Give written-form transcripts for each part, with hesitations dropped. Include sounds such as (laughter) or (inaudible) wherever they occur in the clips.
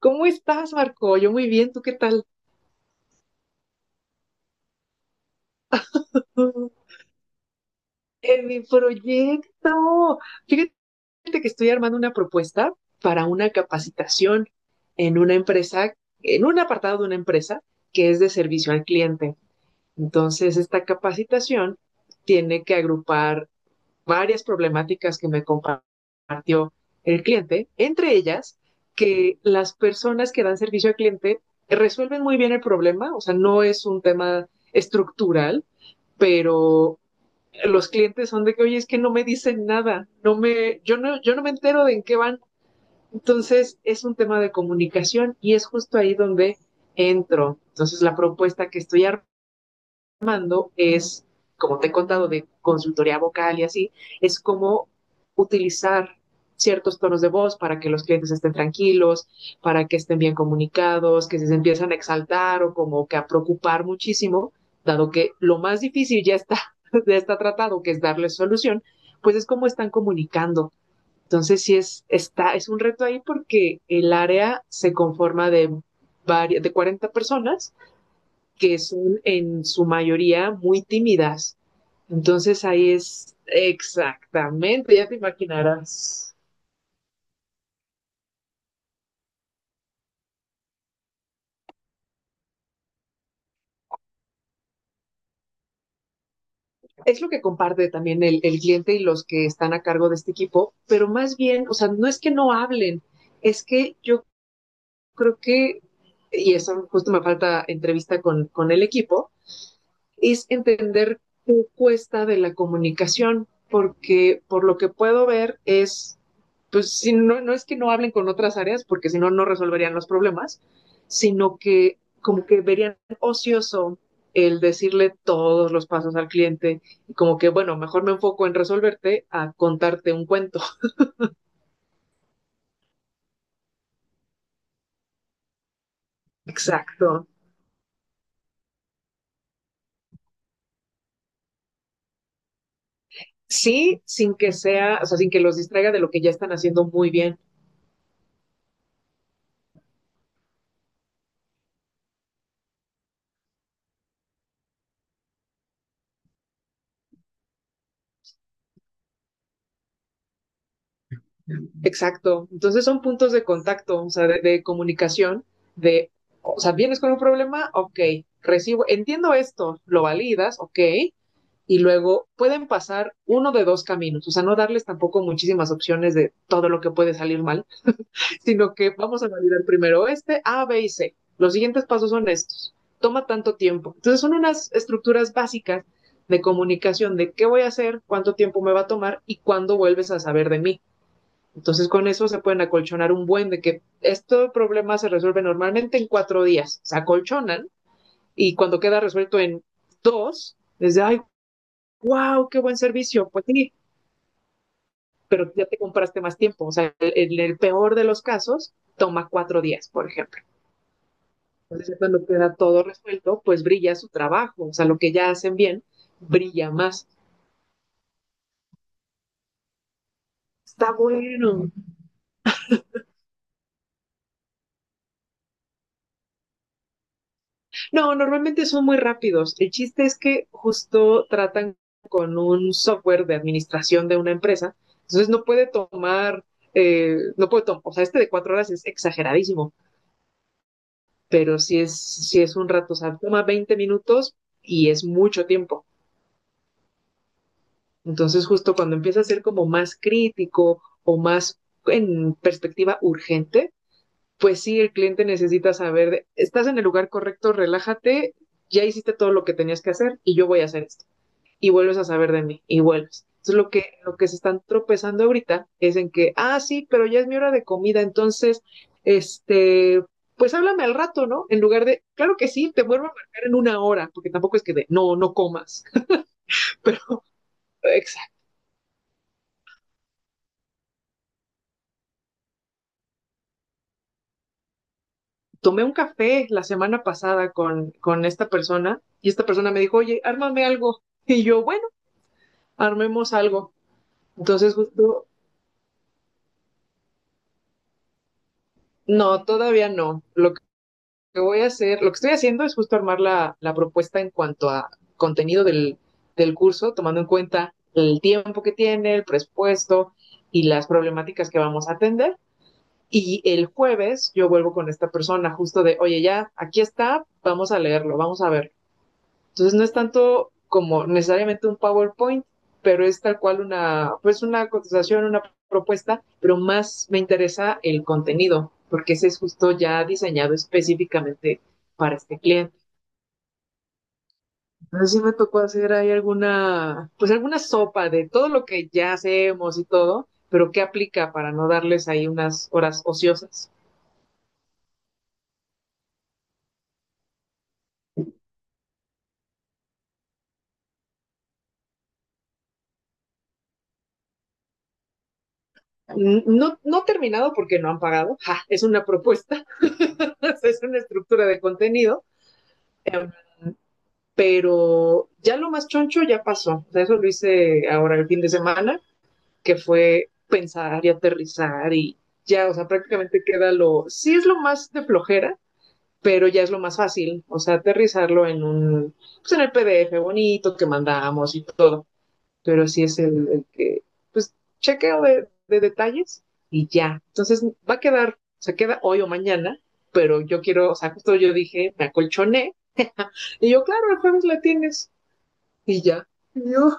¿Cómo estás, Marco? Yo muy bien, ¿tú qué tal? En mi proyecto. Fíjate que estoy armando una propuesta para una capacitación en una empresa, en un apartado de una empresa que es de servicio al cliente. Entonces, esta capacitación tiene que agrupar varias problemáticas que me compartió el cliente, entre ellas que las personas que dan servicio al cliente resuelven muy bien el problema, o sea, no es un tema estructural, pero los clientes son de que, oye, es que no me dicen nada, no me, yo no, yo no me entero de en qué van. Entonces, es un tema de comunicación y es justo ahí donde entro. Entonces, la propuesta que estoy es, como te he contado, de consultoría vocal y así, es cómo utilizar ciertos tonos de voz para que los clientes estén tranquilos, para que estén bien comunicados, que si se empiezan a exaltar o como que a preocupar muchísimo, dado que lo más difícil ya está, (laughs) ya está tratado, que es darles solución, pues es cómo están comunicando. Entonces sí es, es un reto ahí porque el área se conforma de 40 personas que son en su mayoría muy tímidas. Entonces ahí es exactamente, ya te imaginarás. Es lo que comparte también el cliente y los que están a cargo de este equipo, pero más bien, o sea, no es que no hablen, es que yo creo que, y eso justo me falta entrevista con el equipo, es entender qué cuesta de la comunicación, porque por lo que puedo ver es, pues si no, no es que no hablen con otras áreas, porque si no, no resolverían los problemas, sino que como que verían ocioso el decirle todos los pasos al cliente y como que, bueno, mejor me enfoco en resolverte a contarte un cuento. Exacto. Sí, sin que sea, o sea, sin que los distraiga de lo que ya están haciendo muy bien. Exacto. Entonces son puntos de contacto, o sea, de comunicación, de, o sea, vienes con un problema, ok, recibo, entiendo esto, lo validas, ok, y luego pueden pasar uno de dos caminos, o sea, no darles tampoco muchísimas opciones de todo lo que puede salir mal, sino que vamos a validar primero este, A, B y C. Los siguientes pasos son estos. Toma tanto tiempo. Entonces son unas estructuras básicas de comunicación de qué voy a hacer, cuánto tiempo me va a tomar y cuándo vuelves a saber de mí. Entonces con eso se pueden acolchonar un buen de que este problema se resuelve normalmente en 4 días, se acolchonan y cuando queda resuelto en dos, es de, ay, wow, qué buen servicio, pues sí, pero ya te compraste más tiempo, o sea, en el peor de los casos toma 4 días, por ejemplo. Entonces cuando queda todo resuelto, pues brilla su trabajo, o sea, lo que ya hacen bien brilla más. Está bueno. No, normalmente son muy rápidos. El chiste es que justo tratan con un software de administración de una empresa, entonces no puede tomar, o sea, este de 4 horas es exageradísimo, pero si sí es un rato, o sea, toma 20 minutos y es mucho tiempo. Entonces justo cuando empieza a ser como más crítico o más en perspectiva urgente, pues sí, el cliente necesita saber, de, estás en el lugar correcto, relájate, ya hiciste todo lo que tenías que hacer y yo voy a hacer esto. Y vuelves a saber de mí y vuelves. Entonces lo que se están tropezando ahorita es en que, ah, sí, pero ya es mi hora de comida, entonces, este, pues háblame al rato, ¿no? En lugar de, claro que sí, te vuelvo a marcar en 1 hora, porque tampoco es que de, no, no comas, (laughs) pero exacto. Tomé un café la semana pasada con esta persona y esta persona me dijo, oye, ármame algo. Y yo, bueno, armemos algo. Entonces, justo, no, todavía no. Lo que voy a hacer, lo que estoy haciendo es justo armar la propuesta en cuanto a contenido del curso, tomando en cuenta el tiempo que tiene, el presupuesto y las problemáticas que vamos a atender. Y el jueves yo vuelvo con esta persona justo de, oye, ya, aquí está, vamos a leerlo, vamos a ver. Entonces no es tanto como necesariamente un PowerPoint, pero es tal cual una, pues una cotización, una propuesta, pero más me interesa el contenido, porque ese es justo ya diseñado específicamente para este cliente. Entonces sí me tocó hacer ahí alguna, pues alguna sopa de todo lo que ya hacemos y todo, pero qué aplica para no darles ahí unas horas ociosas. No, no terminado porque no han pagado. ¡Ja! Es una propuesta, (laughs) es una estructura de contenido, pero ya lo más choncho ya pasó. O sea, eso lo hice ahora el fin de semana, que fue pensar y aterrizar y ya, o sea, prácticamente queda lo, sí es lo más de flojera, pero ya es lo más fácil, o sea, aterrizarlo en un, pues en el PDF bonito que mandamos y todo, pero sí es el que, pues, chequeo de detalles y ya. Entonces va a quedar, o sea, queda hoy o mañana, pero yo quiero, o sea, justo yo dije, me acolchoné, y yo, claro, el jueves la tienes, y ya. Dios.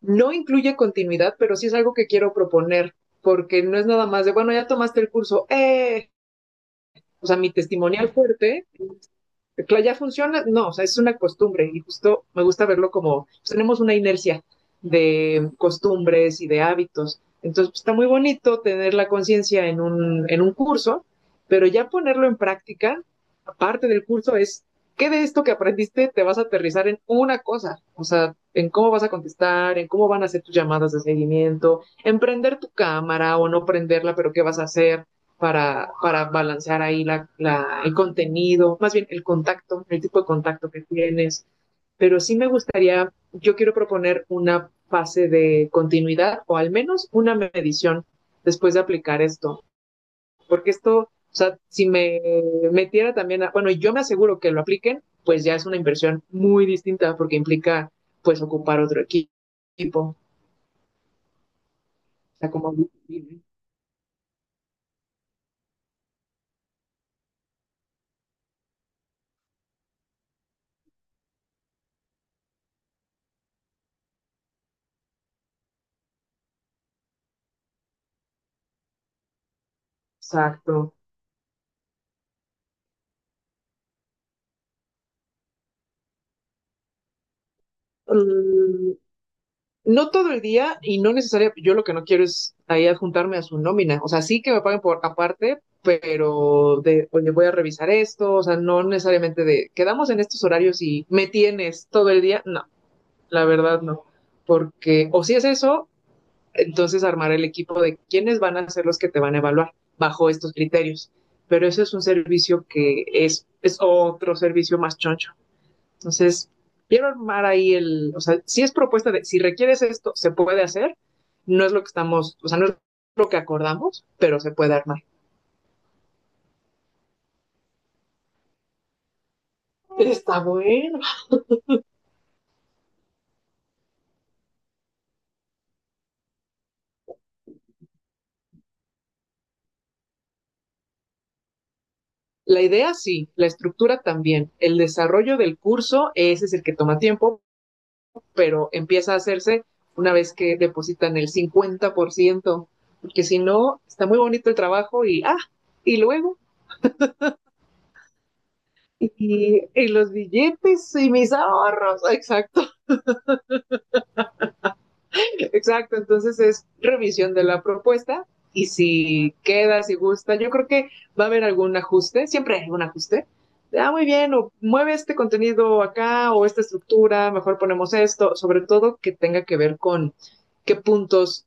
No incluye continuidad, pero sí es algo que quiero proponer, porque no es nada más de, bueno, ya tomaste el curso, ¡eh! O sea, mi testimonial fuerte ya funciona, no, o sea, es una costumbre y justo me gusta verlo como pues, tenemos una inercia de costumbres y de hábitos. Entonces pues, está muy bonito tener la conciencia en un, curso, pero ya ponerlo en práctica, aparte del curso, es qué de esto que aprendiste te vas a aterrizar en una cosa, o sea, en cómo vas a contestar, en cómo van a ser tus llamadas de seguimiento, en prender tu cámara o no prenderla, pero qué vas a hacer, para balancear ahí el contenido, más bien el contacto, el tipo de contacto que tienes. Pero sí me gustaría, yo quiero proponer una fase de continuidad o al menos una medición después de aplicar esto, porque esto, o sea, si me metiera también, a, bueno, yo me aseguro que lo apliquen, pues ya es una inversión muy distinta porque implica pues ocupar otro equipo, o sea, como... Exacto. Um, No todo el día y no necesariamente, yo lo que no quiero es ahí adjuntarme a su nómina, o sea, sí que me paguen por aparte, pero de, oye, voy a revisar esto, o sea, no necesariamente de, quedamos en estos horarios y me tienes todo el día, no, la verdad no, porque o si es eso, entonces armar el equipo de quiénes van a ser los que te van a evaluar bajo estos criterios, pero eso es un servicio que es otro servicio más choncho. Entonces, quiero armar ahí el, o sea, si es propuesta de, si requieres esto, se puede hacer, no es lo que estamos, o sea, no es lo que acordamos, pero se puede armar. Está bueno. La idea sí, la estructura también, el desarrollo del curso, ese es el que toma tiempo, pero empieza a hacerse una vez que depositan el 50%, porque si no, está muy bonito el trabajo y, ah, y luego, y los billetes y mis ahorros, exacto. Exacto, entonces es revisión de la propuesta y si queda, si gusta, yo creo que va a haber algún ajuste, siempre hay algún ajuste. Ah, muy bien, o mueve este contenido acá o esta estructura, mejor ponemos esto, sobre todo que tenga que ver con qué puntos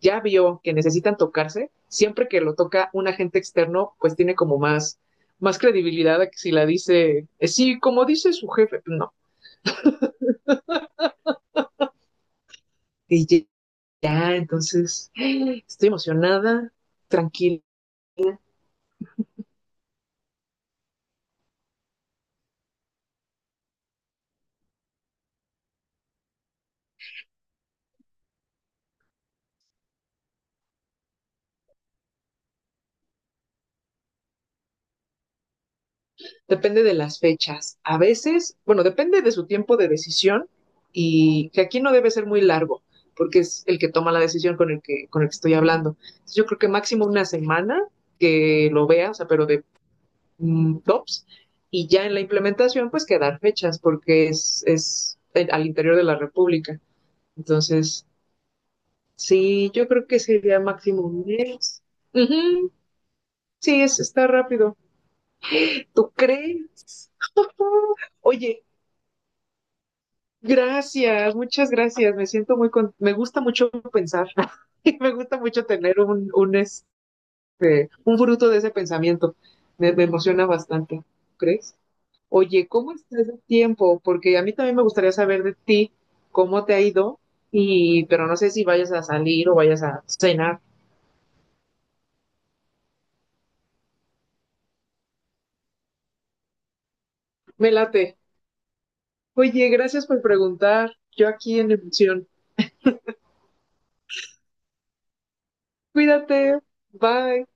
ya vio que necesitan tocarse. Siempre que lo toca un agente externo, pues tiene como más, más credibilidad a que si la dice, sí, como dice su jefe, no. Y ya, entonces, (gasps) ¡ay! Estoy emocionada, tranquila. Depende de las fechas. A veces, bueno, depende de su tiempo de decisión y que aquí no debe ser muy largo, porque es el que toma la decisión con el que, estoy hablando. Entonces, yo creo que máximo una semana que lo vea, o sea, pero de tops, y ya en la implementación, pues quedar fechas, porque es al interior de la República. Entonces, sí, yo creo que sería máximo un mes. Ujú, sí, está rápido. ¿Tú crees? Oye, gracias, muchas gracias. Me siento muy con... me gusta mucho pensar (laughs) y me gusta mucho tener un, un fruto de ese pensamiento. Me emociona bastante, ¿crees? Oye, ¿cómo estás de tiempo? Porque a mí también me gustaría saber de ti cómo te ha ido y pero no sé si vayas a salir o vayas a cenar. Me late. Oye, gracias por preguntar. Yo aquí en emoción. Cuídate. Bye.